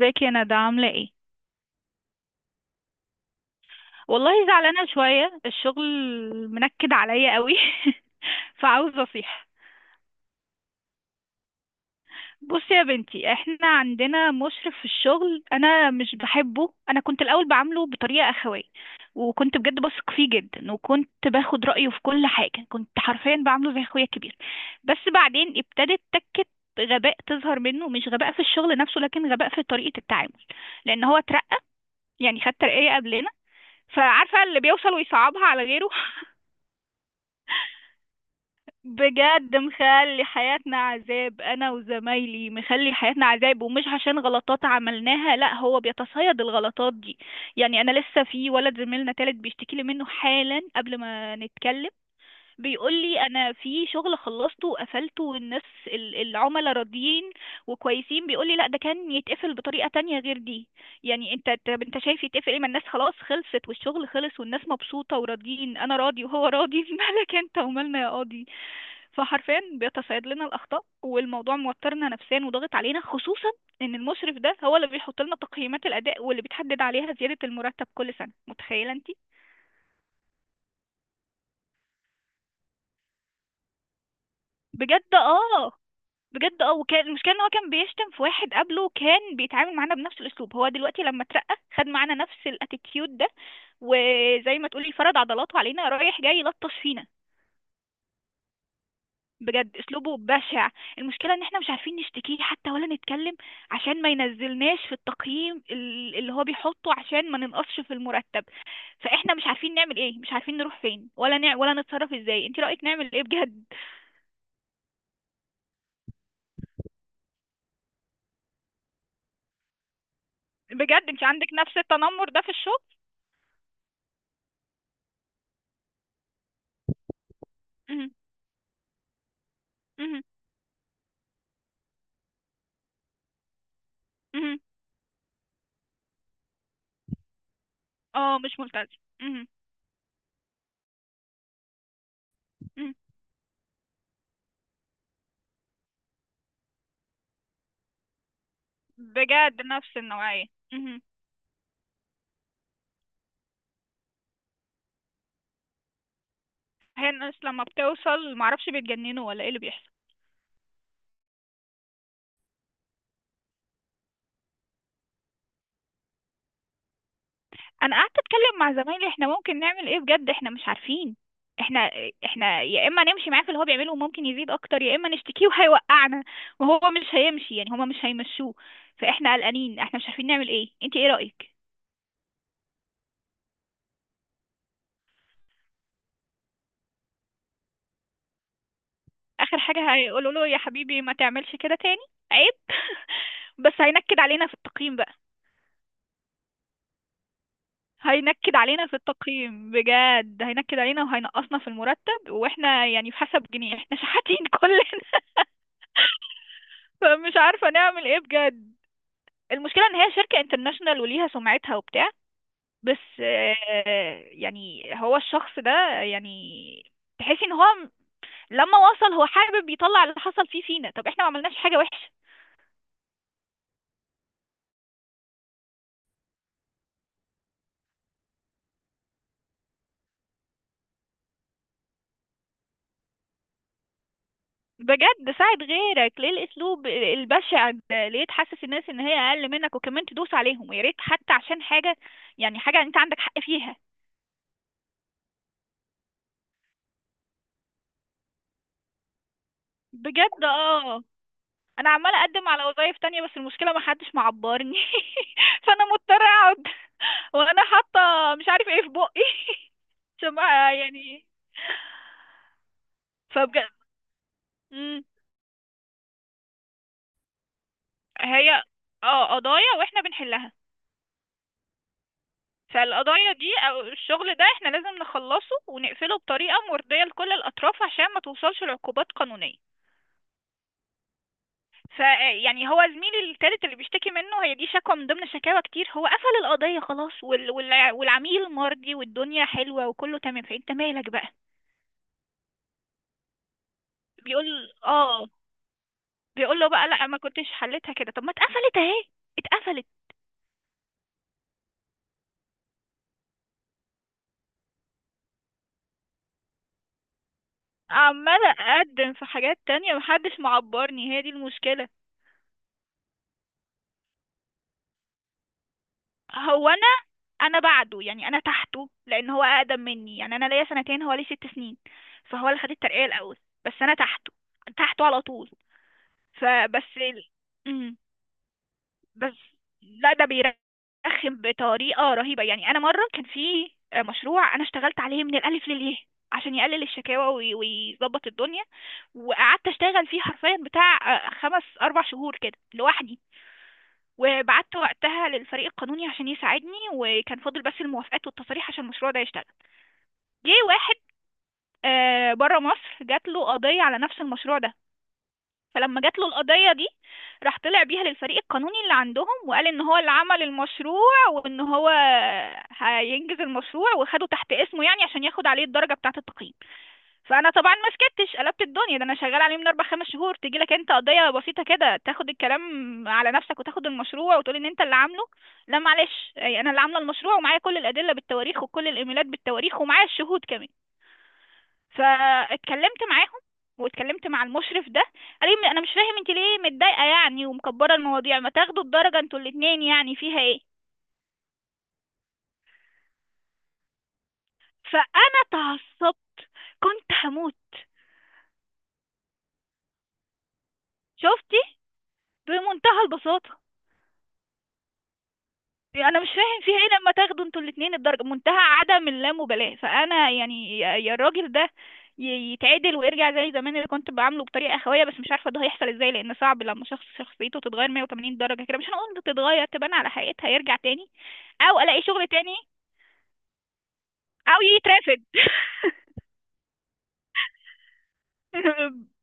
ازيك يا ندى، عاملة ايه؟ والله زعلانة شوية. الشغل منكد عليا قوي. فعاوزة اصيح. بصي يا بنتي، احنا عندنا مشرف في الشغل انا مش بحبه. انا كنت الاول بعامله بطريقة اخوية، وكنت بجد بثق فيه جدا، وكنت باخد رأيه في كل حاجة. كنت حرفيا بعامله زي اخويا الكبير. بس بعدين ابتدت تكة غباء تظهر منه، مش غباء في الشغل نفسه، لكن غباء في طريقة التعامل. لان هو اترقى، يعني خد ترقية قبلنا، فعارفة اللي بيوصل ويصعبها على غيره. بجد مخلي حياتنا عذاب، انا وزمايلي مخلي حياتنا عذاب، ومش عشان غلطات عملناها، لا، هو بيتصيد الغلطات دي. يعني انا لسه في ولد زميلنا تالت بيشتكي لي منه حالا قبل ما نتكلم. بيقول لي انا في شغل خلصته وقفلته، والناس العملاء راضيين وكويسين، بيقول لي لا ده كان يتقفل بطريقة تانية غير دي. يعني انت، طب انت شايف يتقفل ايه؟ ما الناس خلاص خلصت، والشغل خلص، والناس مبسوطة وراضيين، انا راضي وهو راضي. مالك انت ومالنا يا قاضي؟ فحرفيا بيتصيد لنا الاخطاء، والموضوع موترنا نفسيا وضاغط علينا، خصوصا ان المشرف ده هو اللي بيحط لنا تقييمات الاداء، واللي بتحدد عليها زيادة المرتب كل سنة. متخيلة انت. بجد اه. بجد اه. وكان المشكله ان هو كان بيشتم في واحد قبله كان بيتعامل معانا بنفس الاسلوب، هو دلوقتي لما اترقى خد معانا نفس الاتيتيود ده، وزي ما تقولي فرد عضلاته علينا، رايح جاي يلطش فينا. بجد اسلوبه بشع. المشكله ان احنا مش عارفين نشتكيه حتى ولا نتكلم، عشان ما ينزلناش في التقييم اللي هو بيحطه، عشان ما ننقصش في المرتب. فاحنا مش عارفين نعمل ايه، مش عارفين نروح فين، ولا ولا نتصرف ازاي. انت رايك نعمل ايه بجد؟ بجد انت عندك نفس التنمر ده في الشغل؟ مهم. مهم. مهم. اه مش ممتاز. مهم. مهم. بجد نفس النوعية. مهم. هي الناس لما بتوصل معرفش بيتجننوا ولا ايه اللي بيحصل. انا قعدت اتكلم مع زمايلي، احنا ممكن نعمل ايه بجد؟ احنا مش عارفين. احنا احنا يا اما نمشي معاه في اللي هو بيعمله وممكن يزيد اكتر، يا اما نشتكيه وهيوقعنا، وهو مش هيمشي، يعني هما مش هيمشوه. فاحنا قلقانين، احنا مش عارفين نعمل ايه. انت ايه رأيك؟ اخر حاجة هيقولوا له يا حبيبي ما تعملش كده تاني، عيب. بس هينكد علينا في التقييم بقى. هينكد علينا في التقييم بجد، هينكد علينا وهينقصنا في المرتب، واحنا يعني في حسب جنيه، احنا شحاتين كلنا. فمش عارفة نعمل ايه بجد. المشكلة ان هي شركة انترناشونال وليها سمعتها وبتاع، بس آه، يعني هو الشخص ده يعني تحسي ان هو لما وصل، هو حابب يطلع اللي حصل فيه فينا. طب احنا ما عملناش حاجة وحشة. بجد ساعد غيرك، ليه الاسلوب البشع ده؟ ليه تحسس الناس ان هي اقل منك، وكمان تدوس عليهم؟ ويا ريت حتى عشان حاجه، يعني حاجه انت عندك حق فيها. بجد اه. انا عماله اقدم على وظايف تانية، بس المشكله ما حدش معبرني. فانا مضطره اقعد. وانا حاطه مش عارف ايه في بقي. عشان يعني، فبجد. مم. هي اه، قضايا واحنا بنحلها. فالقضايا دي أو الشغل ده احنا لازم نخلصه ونقفله بطريقة مرضية لكل الأطراف، عشان ما توصلش لعقوبات قانونية. فيعني هو زميلي التالت اللي بيشتكي منه، هي دي شكوى من ضمن شكاوى كتير. هو قفل القضية خلاص، والعميل مرضي، والدنيا حلوة وكله تمام، فانت مالك بقى؟ بيقول اه، بيقول له بقى لا ما كنتش حلتها كده. طب ما اتقفلت اهي، اتقفلت. عمالة اقدم في حاجات تانية، محدش معبرني، هي دي المشكلة. هو انا بعده، يعني انا تحته، لان هو اقدم مني، يعني انا ليا سنتين هو ليه ست سنين، فهو اللي خد الترقية الاول، بس انا تحته، تحته على طول. فبس ال... مم. بس لا، ده بيرخم بطريقة رهيبة. يعني انا مرة كان في مشروع انا اشتغلت عليه من الالف للياء، عشان يقلل الشكاوى ويظبط الدنيا، وقعدت اشتغل فيه حرفيا بتاع خمس اربع شهور كده لوحدي، وبعت وقتها للفريق القانوني عشان يساعدني، وكان فاضل بس الموافقات والتصاريح عشان المشروع ده يشتغل. جه واحد بره مصر جات له قضية على نفس المشروع ده، فلما جات له القضية دي، راح طلع بيها للفريق القانوني اللي عندهم وقال ان هو اللي عمل المشروع، وان هو هينجز المشروع، وخده تحت اسمه، يعني عشان ياخد عليه الدرجة بتاعة التقييم. فانا طبعا ما سكتش، قلبت الدنيا. ده انا شغال عليه من اربع خمس شهور، تيجي لك انت قضية بسيطة كده تاخد الكلام على نفسك، وتاخد المشروع وتقول ان انت اللي عامله؟ لا معلش، يعني انا اللي عاملة المشروع، ومعايا كل الادلة بالتواريخ، وكل الايميلات بالتواريخ، ومعايا الشهود كمان. فاتكلمت معاهم، واتكلمت مع المشرف ده، قال لي انا مش فاهم انت ليه متضايقه يعني، ومكبره المواضيع، ما تاخدوا الدرجه انتوا الاتنين، يعني فيها ايه؟ فانا تعصبت، كنت هموت. شفتي؟ بمنتهى البساطه، يعني انا مش فاهم فيها ايه لما تاخدوا انتوا الاتنين الدرجه. منتهى عدم اللامبالاه. فانا يعني يا الراجل ده ي- يتعدل ويرجع زي زمان اللي كنت بعامله بطريقه اخويه، بس مش عارفه ده هيحصل ازاي، لان صعب لما شخص شخصيته تتغير 180 درجه كده. مش هنقول تتغير، تبان على حقيقتها. يرجع تاني، او الاقي شغل تاني، او يترفد.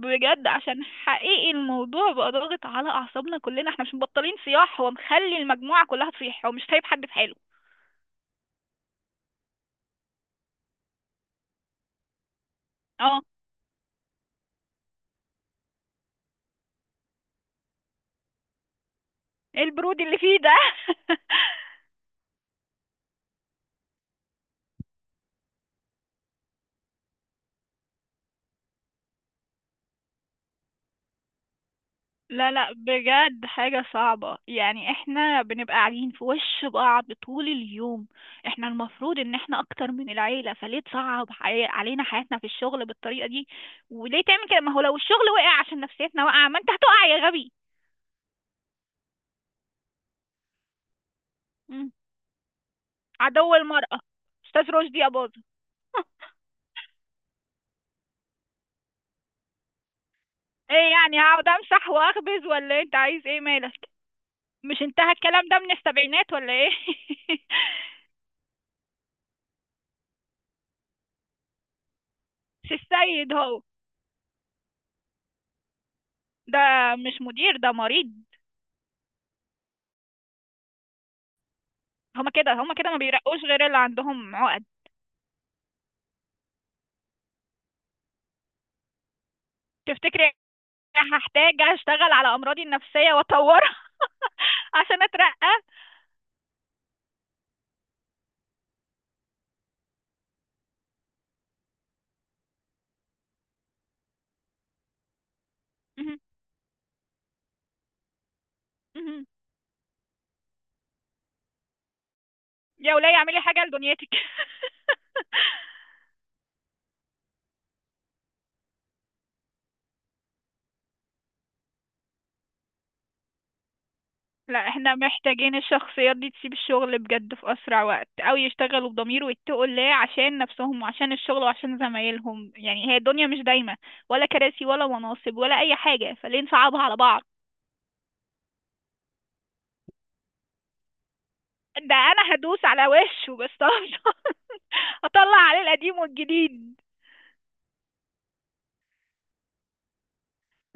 بجد، عشان حقيقي الموضوع بقى ضاغط على اعصابنا كلنا، احنا مش مبطلين صياح، هو مخلي المجموعه كلها تصيح، هو مش سايب حد في حاله. اه. ايه البرود اللي فيه ده؟ لا لا، بجد حاجة صعبة. يعني احنا بنبقى قاعدين في وش بعض طول اليوم، احنا المفروض ان احنا اكتر من العيلة، فليه تصعب علينا حياتنا في الشغل بالطريقة دي؟ وليه تعمل كده؟ ما هو لو الشغل وقع عشان نفسيتنا واقعة، ما انت هتقع يا غبي. مم. عدو المرأة. استاذ رشدي يا باظة. ايه يعني، هقعد امسح واخبز ولا إيه؟ انت عايز ايه؟ مالك؟ مش انتهى الكلام ده من السبعينات ولا ايه؟ مش السيد هو ده. مش مدير، ده مريض. هما كده، هما كده ما بيرقوش غير اللي عندهم عقد. تفتكري هحتاج اشتغل على امراضي النفسية واطورها عشان اترقى؟ مهم. مهم. يا ولاية اعملي حاجة لدنيتك. لا، احنا محتاجين الشخصيات دي تسيب الشغل بجد في اسرع وقت، او يشتغلوا بضمير ويتقوا الله عشان نفسهم، وعشان الشغل، وعشان زمايلهم. يعني هي الدنيا مش دايمة، ولا كراسي، ولا مناصب، ولا اي حاجة، فليه نصعبها على بعض؟ ده انا هدوس على وشه بس طبعا، هطلع عليه القديم والجديد.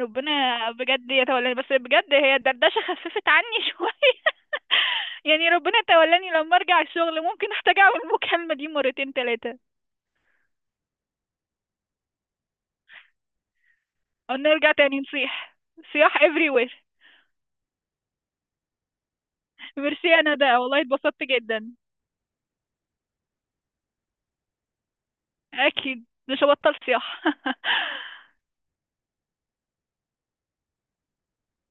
ربنا بجد يتولاني، بس بجد هي الدردشة خففت عني شوية. يعني ربنا يتولاني لما ارجع الشغل، ممكن احتاج اعمل المكالمة دي مرتين تلاتة، او نرجع تاني نصيح. صياح everywhere. ميرسي، انا ده والله اتبسطت جدا. اكيد مش هبطل صياح.